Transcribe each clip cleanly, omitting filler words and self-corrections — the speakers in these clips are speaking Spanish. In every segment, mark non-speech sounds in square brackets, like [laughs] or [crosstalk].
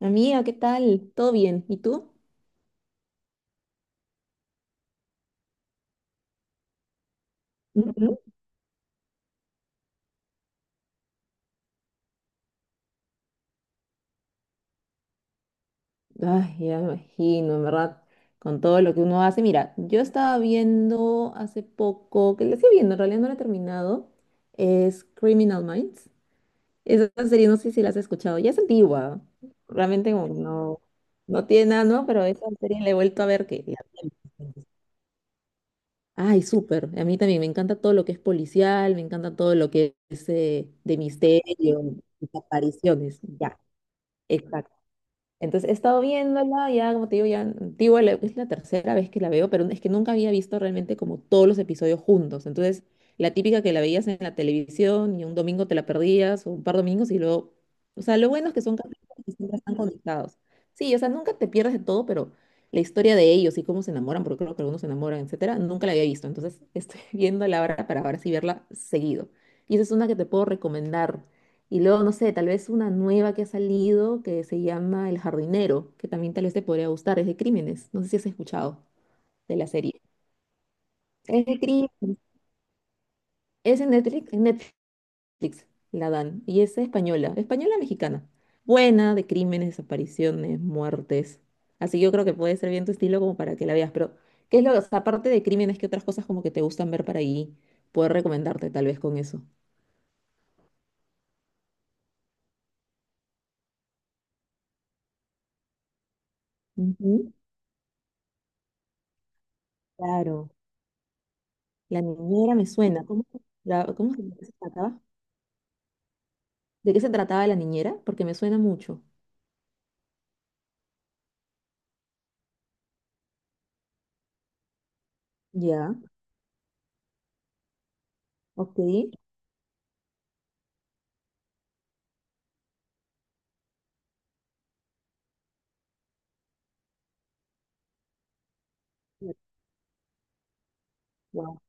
Amiga, ¿qué tal? ¿Todo bien? ¿Y tú? Ujú. Ay, ya me imagino, en verdad, con todo lo que uno hace. Mira, yo estaba viendo hace poco, que la estoy viendo, en realidad no la he terminado, es Criminal Minds. Esa serie, no sé si la has escuchado, ya es antigua, realmente como que no, no tiene nada, ¿no? Pero esa serie la he vuelto a ver que. Ay, súper, a mí también me encanta todo lo que es policial, me encanta todo lo que es de misterio, desapariciones, ya, exacto. Entonces he estado viéndola, ya como te digo, ya antigua, es la tercera vez que la veo, pero es que nunca había visto realmente como todos los episodios juntos. Entonces, la típica que la veías en la televisión y un domingo te la perdías, o un par de domingos y luego, o sea, lo bueno es que son capítulos que siempre están conectados. Sí, o sea, nunca te pierdes de todo, pero la historia de ellos y cómo se enamoran, porque creo que algunos se enamoran, etcétera, nunca la había visto. Entonces, estoy [laughs] viéndola ahora para ver si verla seguido. Y esa es una que te puedo recomendar. Y luego, no sé, tal vez una nueva que ha salido que se llama El Jardinero, que también tal vez te podría gustar, es de crímenes. No sé si has escuchado de la serie. Es de crímenes. Es en Netflix la dan. Y es española, española mexicana. Buena, de crímenes, desapariciones, muertes. Así que yo creo que puede ser bien tu estilo como para que la veas. Pero, ¿qué es lo que, o sea, aparte de crímenes, qué otras cosas como que te gustan ver para ahí? Poder recomendarte tal vez con eso. Ujú. Claro. La niñera me suena. ¿Cómo se llama? ¿Se acaba? ¿De qué se trataba la niñera? Porque me suena mucho. Ya, ok. Wow.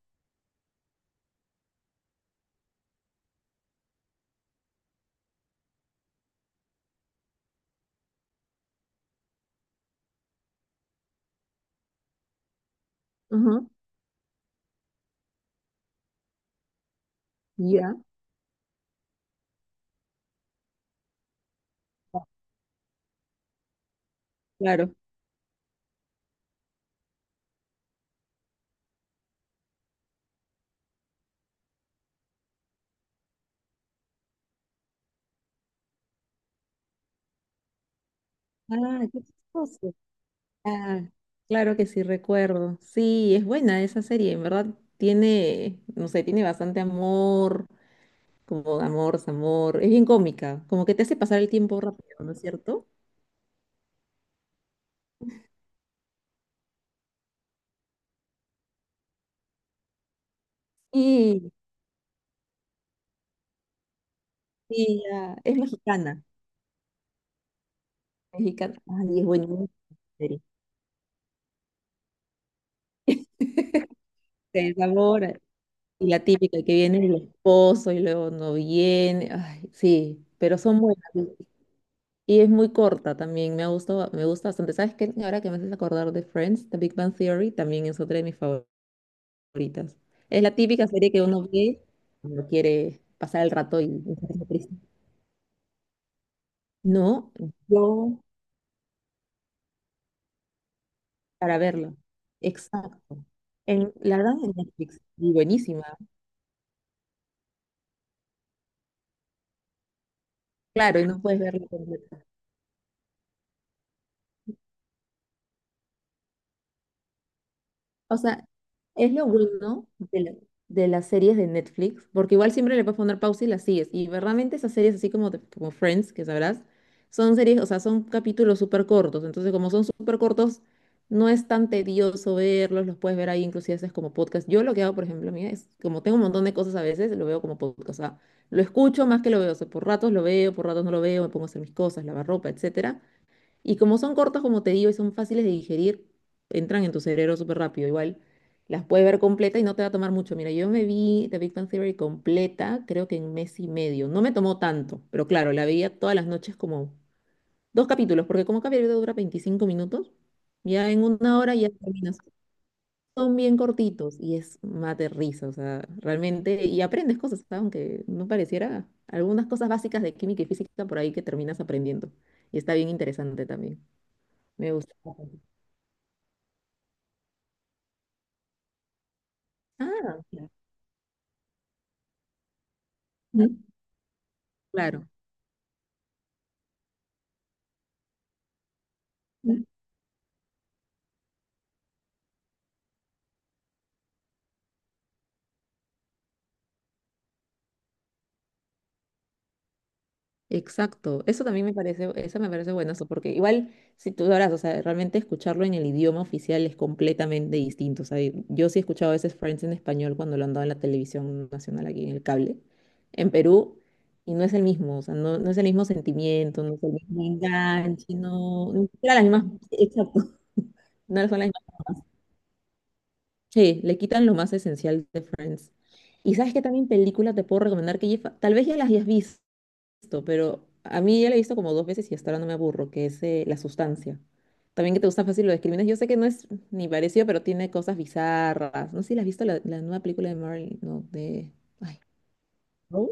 Ajá, ya. Claro. Ah, qué chistoso. Ah, claro que sí recuerdo. Sí, es buena esa serie, en verdad tiene, no sé, tiene bastante amor, como amor, amor. Es bien cómica, como que te hace pasar el tiempo rápido, ¿no es cierto? Sí, sí, ya. Es mexicana. Mexicana. Ay, es buenísima esa serie. Sí, sabor. Y la típica que viene el esposo y luego no viene. Ay, sí, pero son buenas. Y es muy corta también. Me ha gustado, me gusta bastante. ¿Sabes qué? Ahora que me haces acordar de Friends, The Big Bang Theory también es otra de mis favoritas. Es la típica serie que uno ve cuando quiere pasar el rato y estar triste. No, yo para verla. Exacto. La verdad en Netflix. Y buenísima. Claro, y no puedes verla completa. O sea, es lo bueno de las series de Netflix, porque igual siempre le puedes poner pausa y las sigues. Y verdaderamente esas series, así como, de como Friends, que sabrás, son series, o sea, son capítulos súper cortos. Entonces, como son súper cortos, no es tan tedioso verlos, los puedes ver ahí, inclusive haces como podcast. Yo lo que hago, por ejemplo, mira, es como tengo un montón de cosas a veces, lo veo como podcast. O sea, lo escucho más que lo veo. O sea, por ratos lo veo, por ratos no lo veo, me pongo a hacer mis cosas, lavar ropa, etcétera. Y como son cortos, como te digo, y son fáciles de digerir, entran en tu cerebro súper rápido. Igual las puedes ver completa y no te va a tomar mucho. Mira, yo me vi The Big Bang Theory completa, creo que en mes y medio. No me tomó tanto, pero claro, la veía todas las noches como dos capítulos, porque como cada video dura 25 minutos, ya en una hora ya terminas. Son bien cortitos y es mate risa, o sea, realmente, y aprendes cosas, ¿sabes? Aunque no pareciera, algunas cosas básicas de química y física por ahí que terminas aprendiendo. Y está bien interesante también. Me gusta. Ah, mm, claro. Mm, exacto. Eso también me parece, eso me parece buenazo, porque igual, si tú sabrás, o sea, realmente escucharlo en el idioma oficial es completamente distinto. O sea, yo sí he escuchado a veces Friends en español cuando lo han dado en la televisión nacional aquí en el cable, en Perú, y no es el mismo, o sea, no, no es el mismo sentimiento, no es el mismo enganche, no, no son las mismas, [laughs] exacto, no son las. Sí, le quitan lo más esencial de Friends. Y sabes que también película te puedo recomendar que tal vez ya las hayas visto, pero a mí ya la he visto como dos veces y hasta ahora no me aburro, que es La Sustancia. También que te gusta fácil lo de crímenes. Yo sé que no es ni parecido, pero tiene cosas bizarras. No sé si la has visto la, nueva película de Marley, no. Ay, ¿no?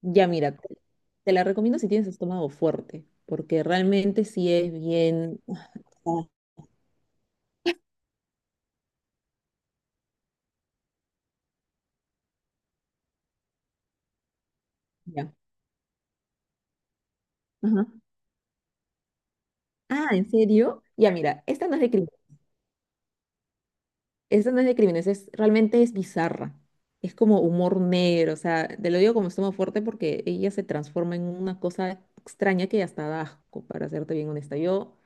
Ya mira, te la recomiendo si tienes estómago fuerte, porque realmente sí es bien. O sea, ya. Ajá. Ah, ¿en serio? Ya mira, esta no es de. Esta no es de crímenes, es realmente es bizarra. Es como humor negro, o sea, te lo digo como estómago fuerte porque ella se transforma en una cosa extraña que hasta da asco, para serte bien honesta. Yo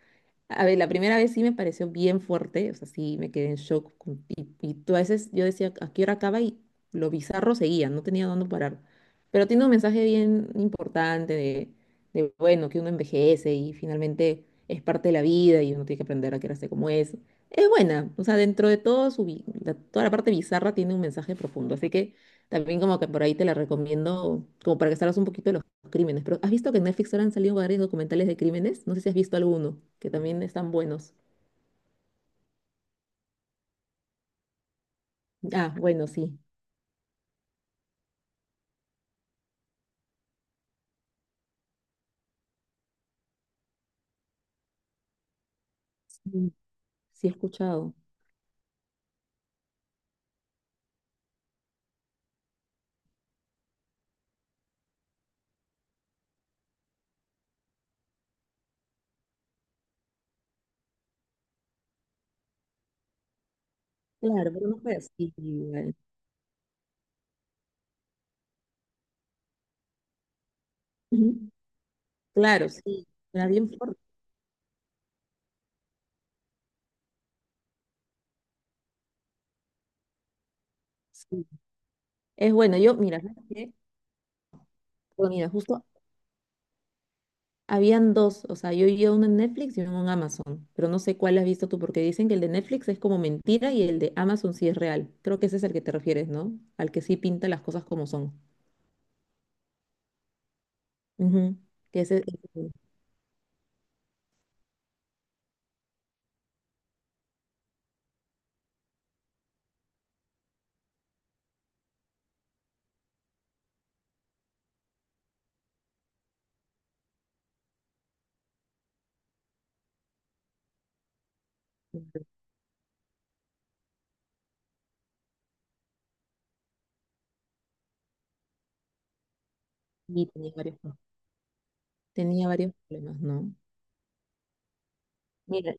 a ver, la primera vez sí me pareció bien fuerte, o sea, sí me quedé en shock. Y tú a veces yo decía, ¿a qué hora acaba? Y lo bizarro seguía, no tenía dónde parar. Pero tiene un mensaje bien importante de, bueno, que uno envejece y finalmente es parte de la vida y uno tiene que aprender a quererse como es. Es buena, o sea, dentro de todo su, toda la parte bizarra tiene un mensaje profundo. Así que también como que por ahí te la recomiendo, como para que salgas un poquito de los crímenes, pero ¿has visto que en Netflix ahora han salido varios documentales de crímenes? No sé si has visto alguno, que también están buenos. Ah, bueno, sí. Sí, sí he escuchado. Claro, pero no fue así igual. Ujú. Claro, sí. Era bien fuerte. Sí. Es bueno, yo, mira, ¿sabes qué? Bueno, mira, justo habían dos, o sea, yo vi uno en Netflix y uno en Amazon, pero no sé cuál has visto tú, porque dicen que el de Netflix es como mentira y el de Amazon sí es real. Creo que ese es el que te refieres, ¿no? Al que sí pinta las cosas como son. Ujú. Que ese. Y tenía varios problemas, ¿no? Mira,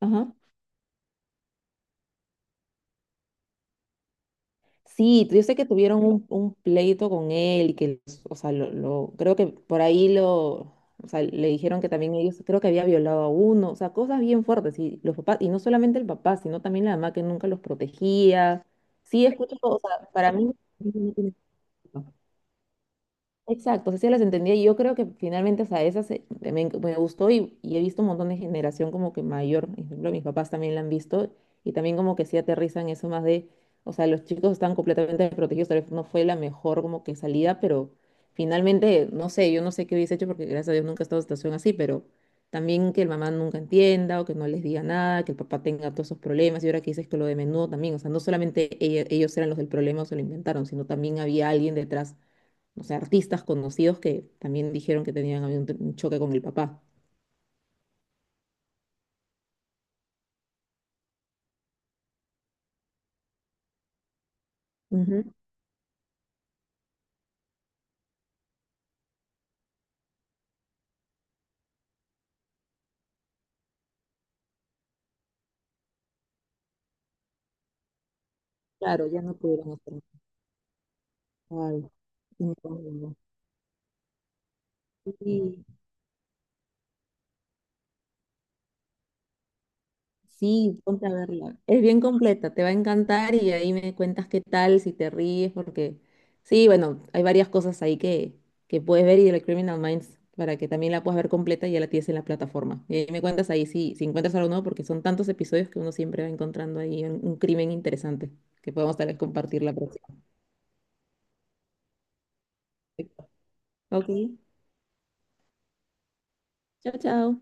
ajá. Sí, yo sé que tuvieron un pleito con él y que, o sea, creo que por ahí lo, o sea, le dijeron que también ellos, creo que había violado a uno, o sea, cosas bien fuertes y los papás, y no solamente el papá, sino también la mamá que nunca los protegía. Sí, escucho, o sea, para mí no tiene culpa. Exacto, sí las entendía y yo creo que finalmente, o sea, me gustó y he visto un montón de generación como que mayor, por ejemplo, mis papás también la han visto y también como que sí aterrizan eso más de, o sea, los chicos están completamente desprotegidos, tal vez no fue la mejor como que salida, pero finalmente, no sé, yo no sé qué hubiese hecho porque gracias a Dios nunca he estado en situación así, pero también que el mamá nunca entienda o que no les diga nada, que el papá tenga todos esos problemas y ahora que dices que lo de menudo también, o sea, no solamente ellos eran los del problema o se lo inventaron, sino también había alguien detrás, o sea, artistas conocidos que también dijeron que tenían habido un choque con el papá. Ujú. Claro, ya no pudieron hacer más. Ay, incómodo. Sí, sí, ponte a verla. Es bien completa, te va a encantar y ahí me cuentas qué tal, si te ríes, porque sí, bueno, hay varias cosas ahí que puedes ver y de la Criminal Minds para que también la puedas ver completa y ya la tienes en la plataforma. Y ahí me cuentas ahí si encuentras algo nuevo, porque son tantos episodios que uno siempre va encontrando ahí un, crimen interesante que podemos tal vez compartir la próxima. Ok. Chao, chao.